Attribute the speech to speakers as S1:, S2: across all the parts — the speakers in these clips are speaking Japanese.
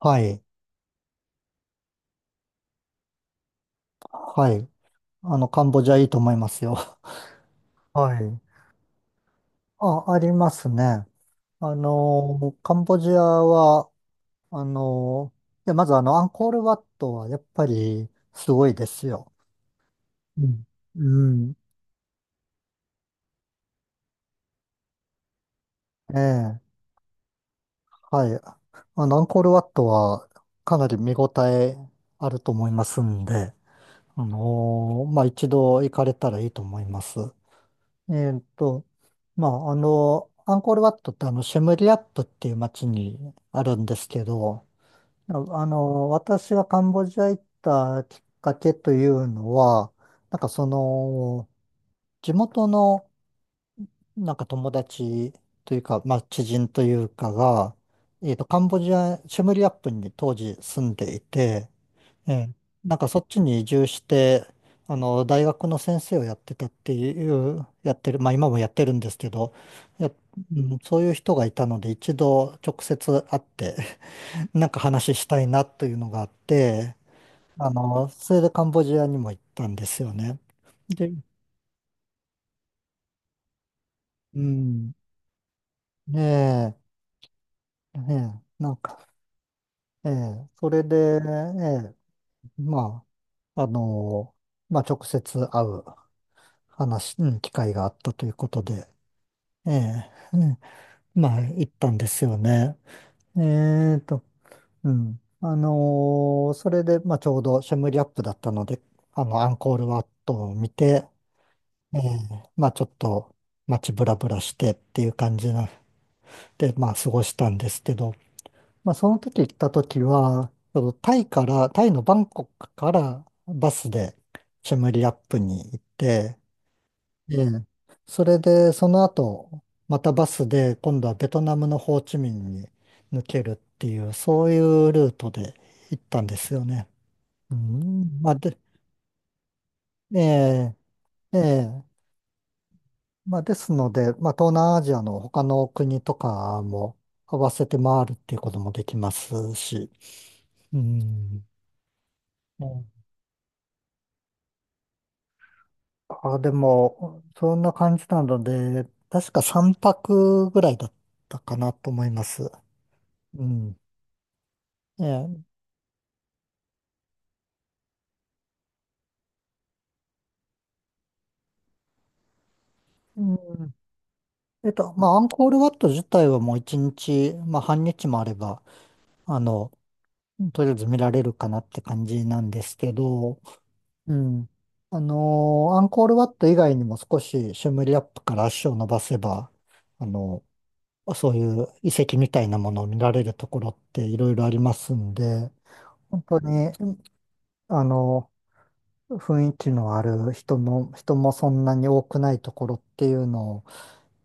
S1: はい。はい。カンボジアいいと思いますよ。はい。あ、ありますね。カンボジアは、あの、いや、まずアンコールワットはやっぱりすごいですよ。うん。うん、ええ。はい。アンコールワットはかなり見応えあると思いますんで、まあ、一度行かれたらいいと思います。えーっと、まあ、アンコールワットってシェムリアップっていう街にあるんですけど、私がカンボジア行ったきっかけというのは、なんかその、地元のなんか友達というか、まあ、知人というかが、カンボジア、シェムリアップに当時住んでいて、ええ、なんかそっちに移住して、大学の先生をやってたっていう、やってる、まあ今もやってるんですけど、や、うん、そういう人がいたので一度直接会って、なんか話したいなというのがあって、それでカンボジアにも行ったんですよね。で、うん、ねえ、ねえ、なんか、ええ、それで、ええ、まあ、まあ直接会う話、うん、機会があったということで、ええ、うん、まあ、行ったんですよね。えーと、うん。それで、まあ、ちょうどシェムリアップだったので、アンコールワットを見て、ええ、まあ、ちょっと街ブラブラしてっていう感じなで、まあ、過ごしたんですけど、まあ、その時行った時は、そのタイから、タイのバンコクからバスでシェムリアップに行って、ええ。それで、その後、またバスで、今度はベトナムのホーチミンに抜けるっていう、そういうルートで行ったんですよね。うん。まあ、で、ええ、ええ。まあ、ですので、まあ、東南アジアの他の国とかも合わせて回るっていうこともできますし。うん。うん、あ、でも、そんな感じなので、確か3泊ぐらいだったかなと思います。うん。ええ、うん。まあ、アンコールワット自体はもう一日、まあ、半日もあれば、あの、とりあえず見られるかなって感じなんですけど、うん。アンコールワット以外にも少しシュムリアップから足を伸ばせば、あの、そういう遺跡みたいなものを見られるところっていろいろありますんで、本当に、あの、雰囲気のある人の、人もそんなに多くないところっていうのを、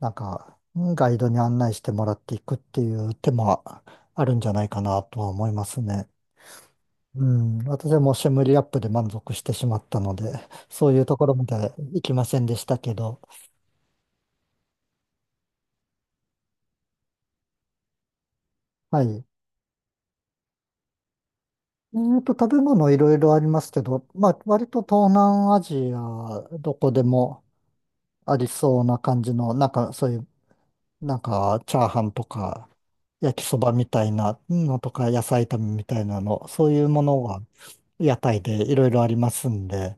S1: なんか、ガイドに案内してもらっていくっていう手もあるんじゃないかなとは思いますね。うん、私はもうシェムリアップで満足してしまったので、そういうところまで行きませんでしたけど、はい。食べ物いろいろありますけど、まあ、割と東南アジア、どこでもありそうな感じの、なんかそういう、なんかチャーハンとか、焼きそばみたいなのとか、野菜炒めみたいなの、そういうものが屋台でいろいろありますんで、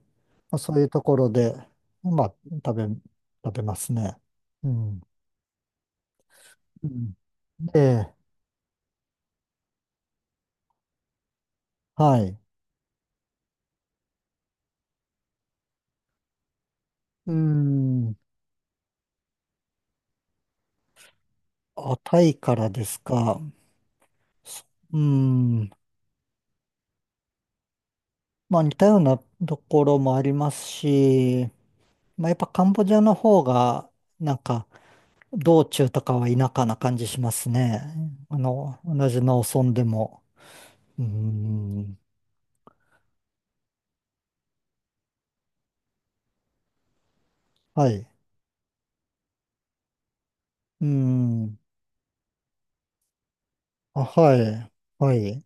S1: まあ、そういうところで、まあ、食べ、食べますね。うん。うん、で、はい。うん。あ、タイからですか。うん。まあ、似たようなところもありますし、まあ、やっぱカンボジアの方が、なんか、道中とかは田舎な感じしますね。同じ農村でも。うん。はい。うん。あ、はい。はい。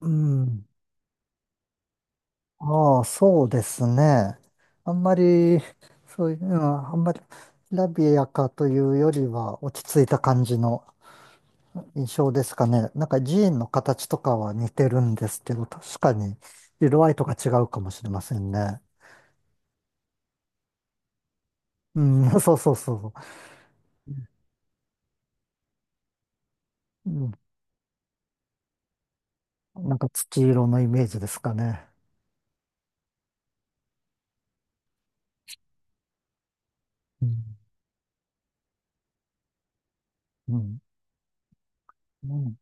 S1: うん。ああ、そうですね。あんまり、そういう、うん、あんまり、ラビアかというよりは、落ち着いた感じの印象ですかね。なんか寺院の形とかは似てるんですけど、確かに、色合いとか違うかもしれませんね。うん、そうそうそう。うん、なんか土色のイメージですかね。うん。うん。うん、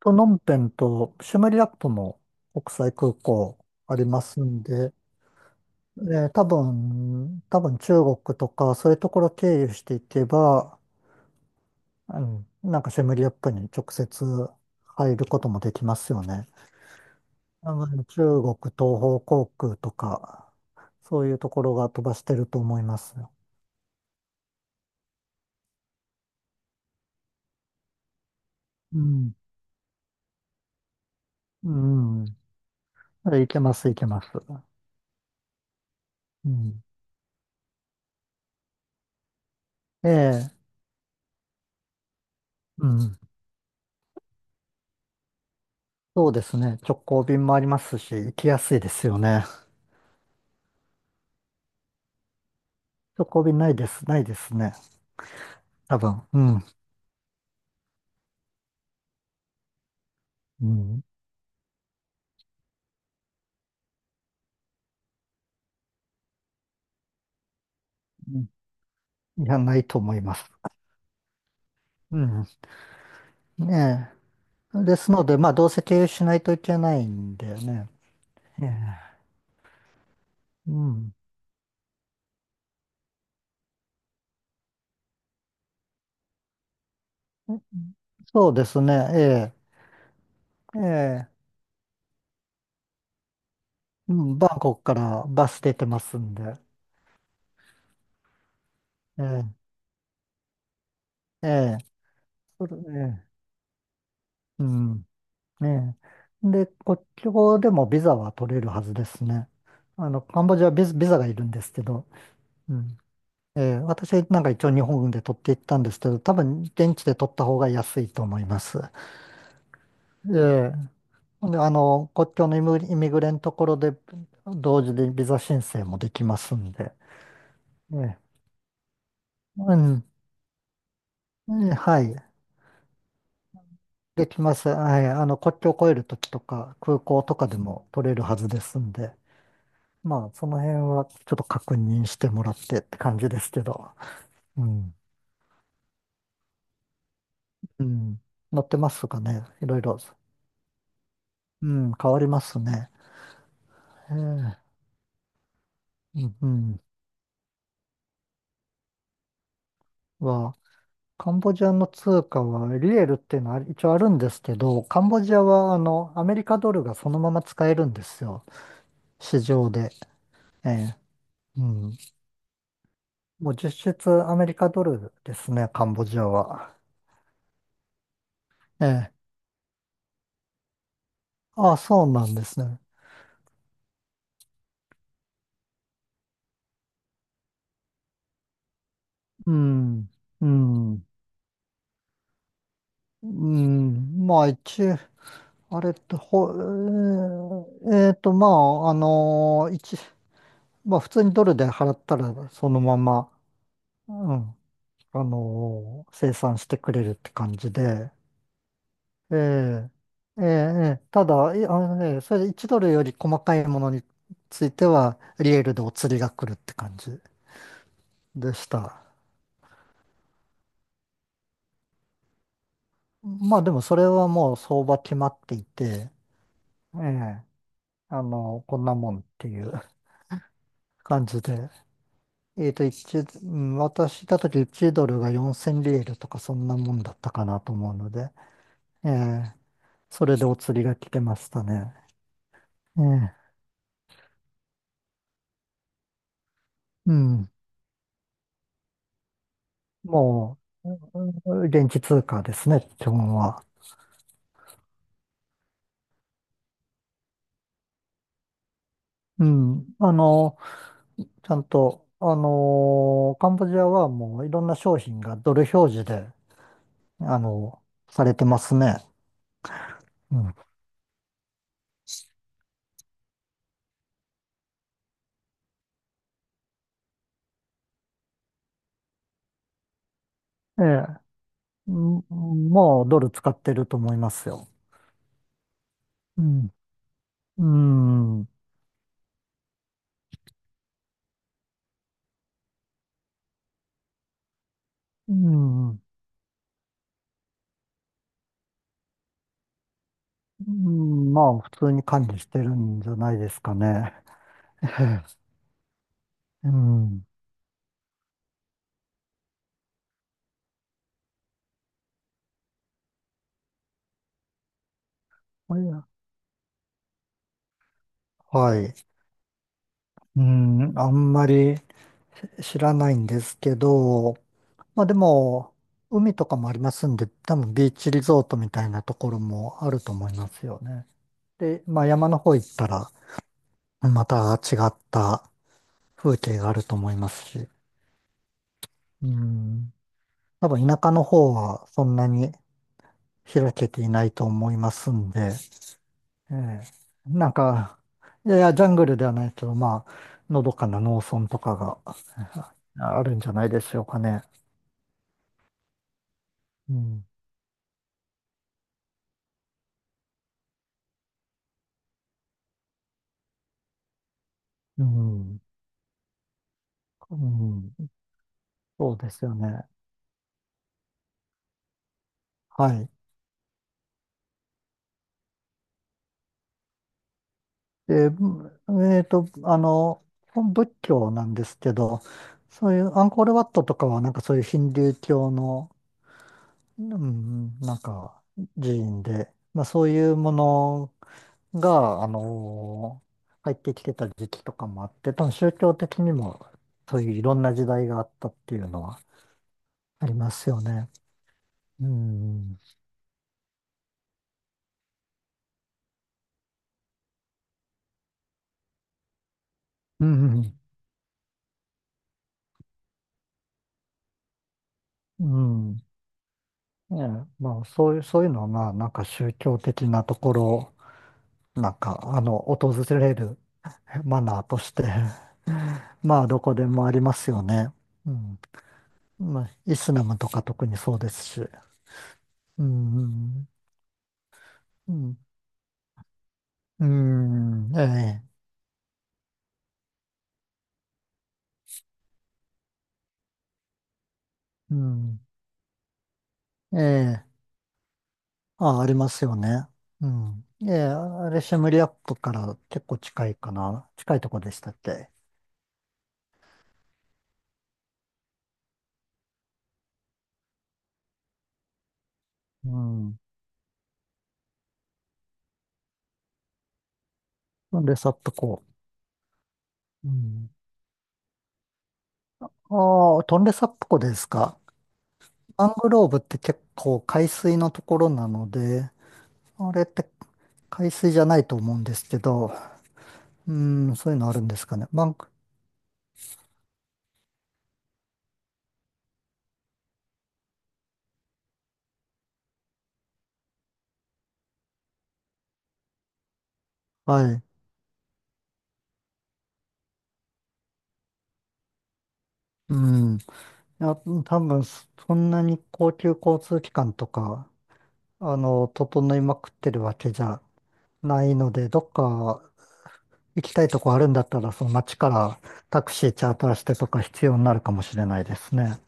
S1: プノンペンとシュメリアップも国際空港ありますんで、多分、中国とかそういうところ経由していけば、うん、なんかシェムリアップに直接入ることもできますよね。中国東方航空とか、そういうところが飛ばしてると思います。うん、うん、いけます、いけます。うん、ええ、うん、そうですね。直行便もありますし、行きやすいですよね。直行便ないです、ないですね。多分、うん、うん、うん、いや、ないと思います。うん。ねえ。ですので、まあ、どうせ経由しないといけないんだよね。ええ。うん。そうですね。ええ。ええ。うん。バンコクからバス出てますんで。ええ。ええ。それええ。うん。ええ。で、国境でもビザは取れるはずですね。カンボジアはビザがいるんですけど。うん。ええ。私なんか一応日本で取っていったんですけど、多分現地で取った方が安いと思います。ええ。ほんで、国境のイミグレのところで、同時でビザ申請もできますんで。ええ、うん、ええ、はい。できます。はい。国境を越えるときとか、空港とかでも取れるはずですんで。まあ、その辺はちょっと確認してもらってって感じですけど。うん。うん。乗ってますかね。いろいろ。うん、変わりますね。ええ、うん、うん。は、カンボジアの通貨はリエルっていうのは一応あるんですけど、カンボジアはアメリカドルがそのまま使えるんですよ。市場で。ええ、うん。もう実質アメリカドルですね、カンボジアは。ええ。ああ、そうなんですね。うん。うん。うん。まあ一、あれって、ほ、えーえーと、まあ、あの一、まあ普通にドルで払ったらそのまま、うん。生産してくれるって感じで、ええ、ええ、ええ、ただ、いあのね、それ1ドルより細かいものについては、リエールでお釣りが来るって感じでした。まあでもそれはもう相場決まっていて、ええ、こんなもんっていう感じで、うん、私いた時1ドルが4000リエールとかそんなもんだったかなと思うので、ええ、それでお釣りが来てましたね。ええ、うん。もう、現地通貨ですね、基本は。うん。ちゃんと、カンボジアはもういろんな商品がドル表示で、あの、されてますね。うん。ええ。んもうドル使ってると思いますよ。うん。うん。うん。うん、まあ、普通に管理してるんじゃないですかね。うん。いや、はい。うん、あんまり知らないんですけど、まあでも、海とかもありますんで、多分ビーチリゾートみたいなところもあると思いますよね。で、まあ山の方行ったら、また違った風景があると思いますし、うん、多分田舎の方はそんなに開けていないと思いますんで、ええ、なんか、いやいや、ジャングルではないけど、まあ、のどかな農村とかがあるんじゃないでしょうかね。うん、うん、うん、そうですよね。はい。で、えっと、あの、仏教なんですけど、そういうアンコールワットとかは、なんかそういうヒンドゥー教の、うん、なんか寺院で、まあそういうものが、入ってきてた時期とかもあって、多分宗教的にもそういういろんな時代があったっていうのはありますよね。うん。うん。うん。ねえ、まあ、そういうのは、まあ、なんか宗教的なところ、なんか、訪れるマナーとして、まあ、どこでもありますよね。うん。まあ、イスラムとか特にそうですし。うん。うん。うん。うん、ええ。うん。ええ。あ、ありますよね。うん。ええ、あれ、シェムリアップから結構近いかな。近いとこでしたっけ。うん。トンレサップ湖。うん。ああ、トンレサップ湖ですか。マングローブって結構海水のところなので、あれって海水じゃないと思うんですけど、うん、そういうのあるんですかね。マング、はい。うん。いや、多分、そんなに高級交通機関とか、整いまくってるわけじゃないので、どっか行きたいとこあるんだったら、その街からタクシーチャーターしてとか必要になるかもしれないですね。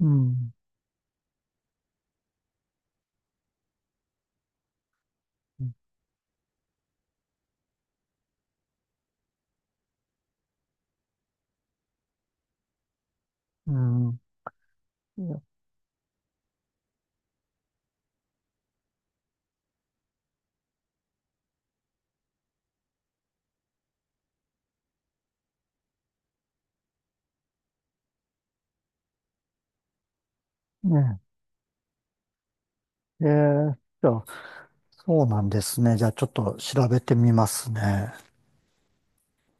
S1: うん。うん。いや、ねえ。じゃあ、そうなんですね。じゃあ、ちょっと調べてみますね。